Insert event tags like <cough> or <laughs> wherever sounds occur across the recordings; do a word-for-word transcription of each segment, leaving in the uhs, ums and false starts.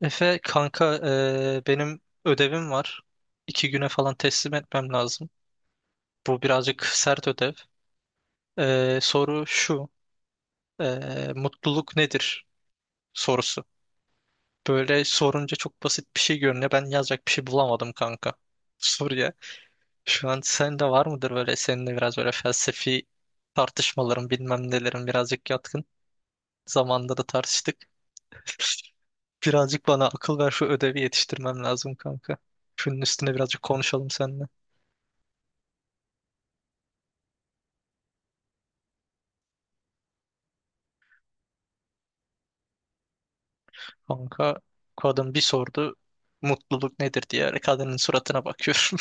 Efe kanka eee, benim ödevim var. İki güne falan teslim etmem lazım. Bu birazcık sert ödev. Eee, soru şu. Eee, mutluluk nedir sorusu. Böyle sorunca çok basit bir şey görünüyor. Ben yazacak bir şey bulamadım kanka soruya. Şu an sende var mıdır böyle seninle biraz böyle felsefi tartışmaların bilmem nelerin birazcık yatkın. Zamanında da tartıştık. <laughs> Birazcık bana akıl ver şu ödevi yetiştirmem lazım kanka. Şunun üstüne birazcık konuşalım seninle. Kanka kadın bir sordu mutluluk nedir diye kadının suratına bakıyorum.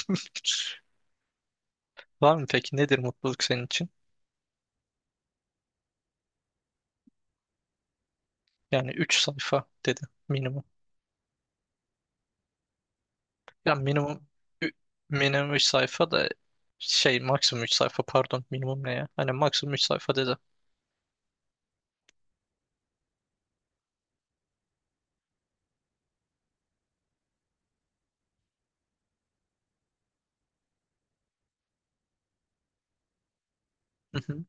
<laughs> Var mı peki nedir mutluluk senin için? Yani üç sayfa dedi minimum. Ya minimum ü- minimum üç sayfa da şey maksimum üç sayfa pardon minimum ne ya? Hani maksimum üç sayfa dedi. Hı hı.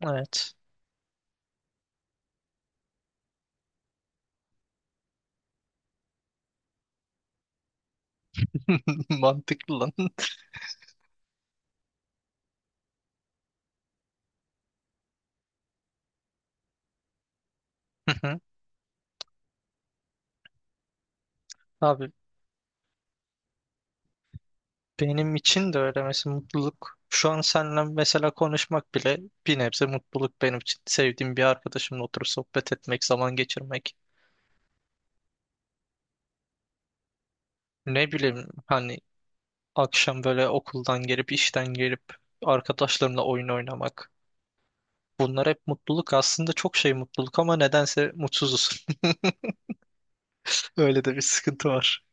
Evet. <laughs> Mantıklı lan. Hı hı. Abi, benim için de öyle mesela mutluluk. Şu an seninle mesela konuşmak bile bir nebze mutluluk benim için. Sevdiğim bir arkadaşımla oturup sohbet etmek, zaman geçirmek. Ne bileyim hani akşam böyle okuldan gelip işten gelip arkadaşlarımla oyun oynamak. Bunlar hep mutluluk. Aslında çok şey mutluluk ama nedense mutsuzuz. <laughs> Öyle de bir sıkıntı var.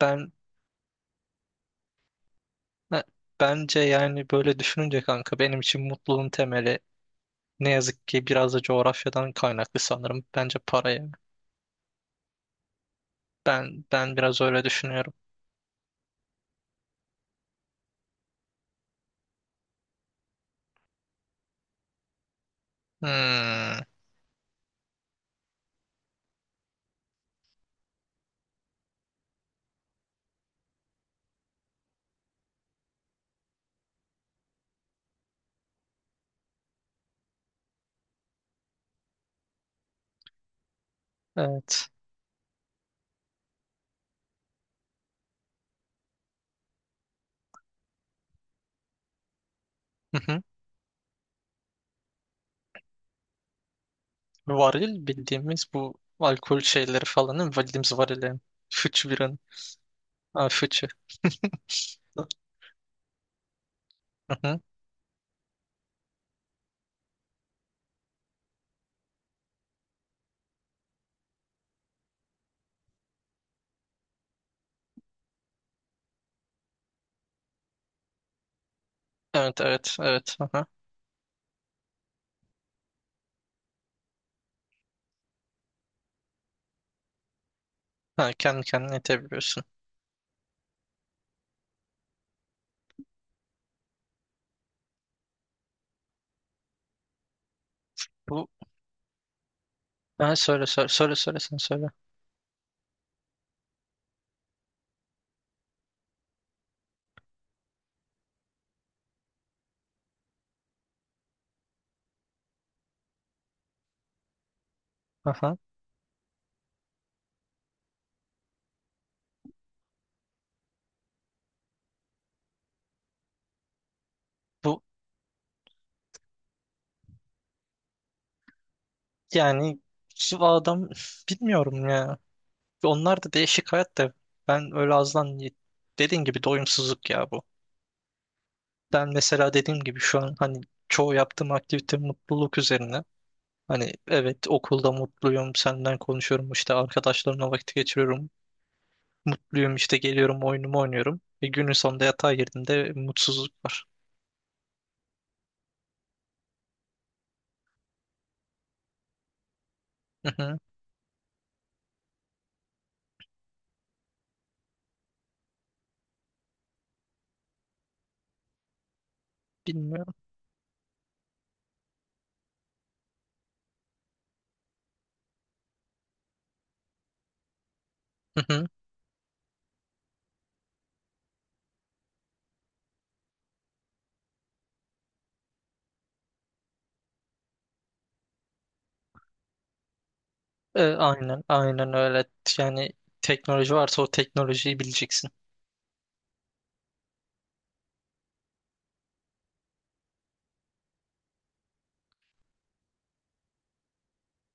Ben ben- Bence yani böyle düşününce kanka benim için mutluluğun temeli ne yazık ki biraz da coğrafyadan kaynaklı sanırım. Bence paraya. Ben ben biraz öyle düşünüyorum. Hmm, evet. Hı hı. Varil bildiğimiz bu alkol şeyleri falan değil mi? Bildiğimiz varilin. Fıç biranın. Ha, fıçı. Hı hı. Evet, evet, evet. Hı hı. Ha, kendi kendine itebiliyorsun. Bu ben Söyle söyle söyle söyle sen söyle. Hı. Bu Yani şu adam bilmiyorum ya. Onlar da değişik hayat da ben öyle azdan dediğin gibi doyumsuzluk ya bu. Ben mesela dediğim gibi şu an hani çoğu yaptığım aktivite mutluluk üzerine. Hani evet okulda mutluyum, senden konuşuyorum, işte arkadaşlarımla vakit geçiriyorum. Mutluyum işte geliyorum oyunumu oynuyorum. E, günün sonunda yatağa girdiğimde mutsuzluk var. Hı hı, bilmiyorum. Hı hı. E, aynen, aynen öyle. Yani teknoloji varsa o teknolojiyi bileceksin.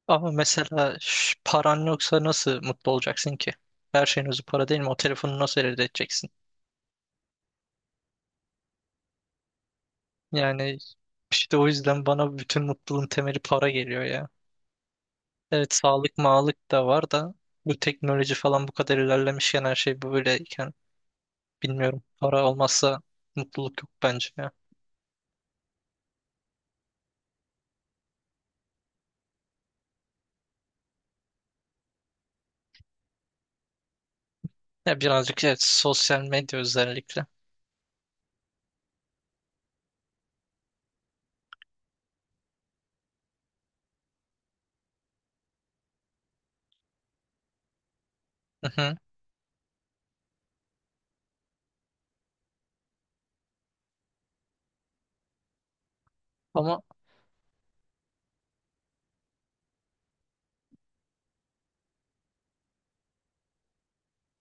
Ama mesela ş- paran yoksa nasıl mutlu olacaksın ki? Her şeyin özü para değil mi? O telefonu nasıl elde edeceksin? Yani işte o yüzden bana bütün mutluluğun temeli para geliyor ya. Evet sağlık mağlık da var da bu teknoloji falan bu kadar ilerlemişken her şey böyleyken bilmiyorum. Para olmazsa mutluluk yok bence ya. Ya birazcık evet sosyal medya özellikle. Hı hı. Ama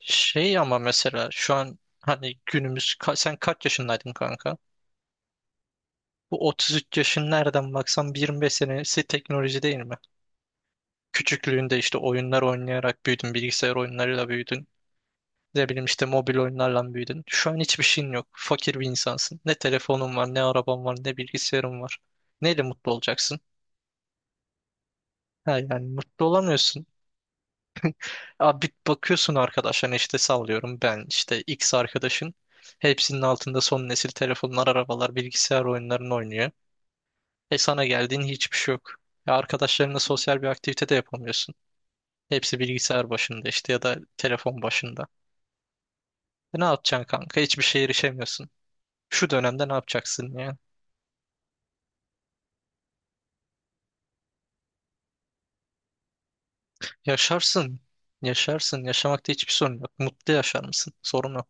şey ama mesela şu an hani günümüz ka- sen kaç yaşındaydın kanka? Bu otuz üç yaşın nereden baksan yirmi beş senesi teknoloji değil mi? Küçüklüğünde işte oyunlar oynayarak büyüdün, bilgisayar oyunlarıyla büyüdün. Ne bileyim işte mobil oyunlarla büyüdün. Şu an hiçbir şeyin yok. Fakir bir insansın. Ne telefonun var, ne araban var, ne bilgisayarın var. Neyle mutlu olacaksın? Ha yani mutlu olamıyorsun. Abi bakıyorsun arkadaşlarına işte sallıyorum ben işte X arkadaşın. Hepsinin altında son nesil telefonlar, arabalar, bilgisayar oyunlarını oynuyor. E sana geldiğin hiçbir şey yok. Ya arkadaşlarınla sosyal bir aktivite de yapamıyorsun. Hepsi bilgisayar başında işte ya da telefon başında. E ne yapacaksın kanka? Hiçbir şeye erişemiyorsun. Şu dönemde ne yapacaksın ya? Yaşarsın. Yaşarsın. Yaşamakta hiçbir sorun yok. Mutlu yaşar mısın? Sorun o.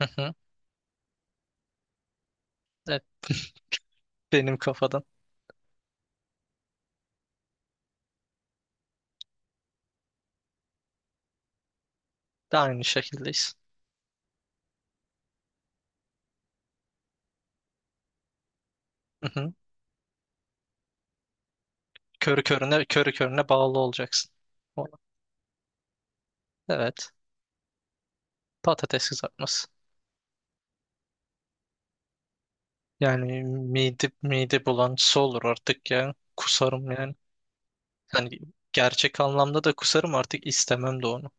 Hı hı. Evet, benim kafadan da aynı şekildeyiz. Hı hı. Körü körüne, körü körüne bağlı olacaksın. O- Evet. Patates kızartması. Yani mide, mide bulantısı olur artık ya. Kusarım yani. Yani gerçek anlamda da kusarım artık istemem de onu.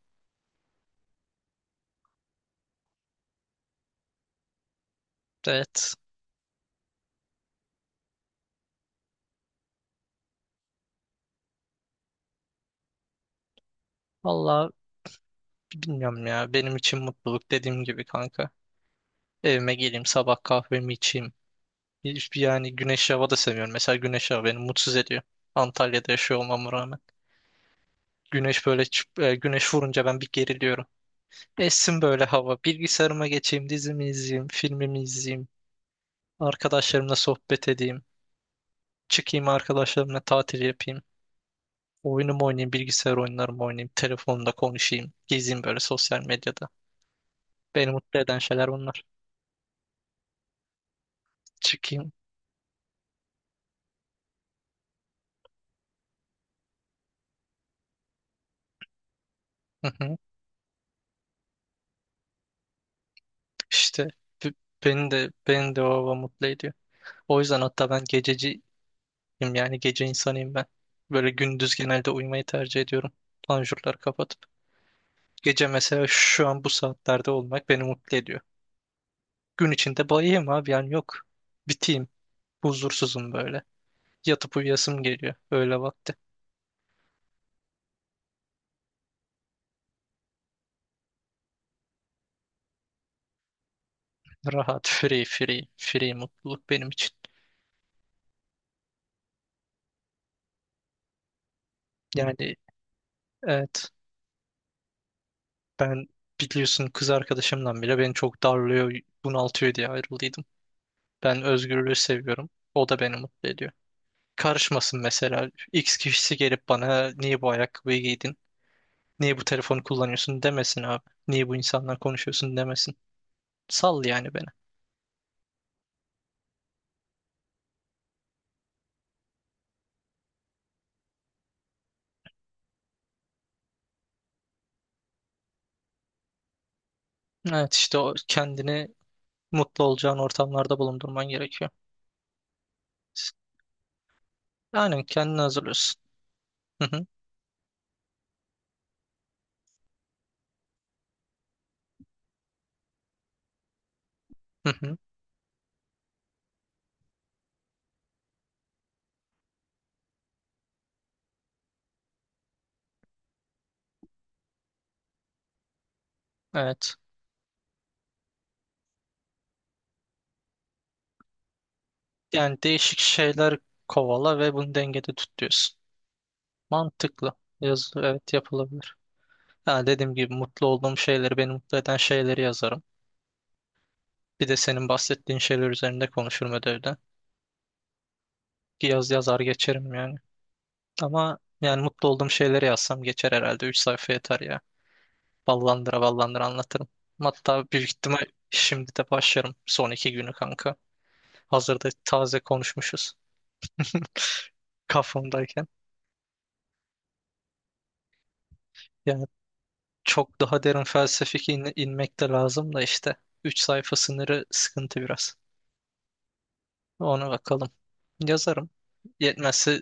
Evet. Valla bilmiyorum ya. Benim için mutluluk dediğim gibi kanka. Evime geleyim sabah kahvemi içeyim. Hiç- Yani güneş hava da sevmiyorum. Mesela güneş hava beni mutsuz ediyor. Antalya'da yaşıyor olmama rağmen. Güneş böyle çıp- e, güneş vurunca ben bir geriliyorum. Essin böyle hava. Bilgisayarıma geçeyim, dizimi izleyeyim, filmimi izleyeyim. Arkadaşlarımla sohbet edeyim. Çıkayım arkadaşlarımla tatil yapayım. Oyunumu oynayayım, bilgisayar oyunlarımı oynayayım. Telefonda konuşayım. Gezeyim böyle sosyal medyada. Beni mutlu eden şeyler bunlar. Çıkayım. Hı hı. İşte b- beni de beni de o hava mutlu ediyor. O yüzden hatta ben gececi. Yani gece insanıyım ben. Böyle gündüz genelde uyumayı tercih ediyorum. Panjurları kapatıp. Gece mesela şu an bu saatlerde olmak beni mutlu ediyor. Gün içinde bayayım abi yani yok. Biteyim. Huzursuzum böyle. Yatıp uyuyasım geliyor. Öyle vakti. Rahat, free, free, free mutluluk benim için. Yani evet ben biliyorsun kız arkadaşımdan bile beni çok darlıyor, bunaltıyor diye ayrıldıydım. Ben özgürlüğü seviyorum. O da beni mutlu ediyor. Karışmasın mesela. X kişisi gelip bana niye bu ayakkabıyı giydin? Niye bu telefonu kullanıyorsun demesin abi. Niye bu insanla konuşuyorsun demesin. Sal yani beni. Evet işte o kendini mutlu olacağın ortamlarda bulundurman gerekiyor. Aynen kendini hazırlıyorsun. Hı hı, hı hı. Evet. Yani değişik şeyler kovala ve bunu dengede tut diyorsun. Mantıklı. Yaz, evet yapılabilir. Ha, dediğim gibi mutlu olduğum şeyleri, beni mutlu eden şeyleri yazarım. Bir de senin bahsettiğin şeyler üzerinde konuşurum ödevde. Bir yaz yazar geçerim yani. Ama yani mutlu olduğum şeyleri yazsam geçer herhalde. Üç sayfa yeter ya. Ballandıra ballandıra anlatırım. Hatta büyük ihtimal şimdi de başlarım son iki günü kanka. Hazırda taze konuşmuşuz <laughs> kafamdayken. Yani çok daha derin felsefik in- inmek de lazım da işte. Üç sayfa sınırı sıkıntı biraz. Ona bakalım. Yazarım. Yetmezse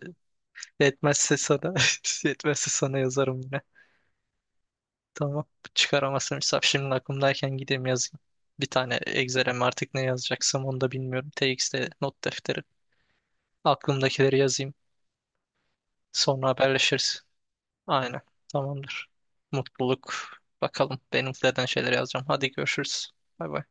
yetmezse sana <laughs> yetmezse sana yazarım yine. Tamam. Çıkaramazsam hesap şimdi aklımdayken gideyim yazayım. Bir tane Excel'e artık ne yazacaksam onu da bilmiyorum. T X T not defteri. Aklımdakileri yazayım. Sonra haberleşiriz. Aynen. Tamamdır. Mutluluk. Bakalım. Benim neden şeyler yazacağım. Hadi görüşürüz. Bay bay.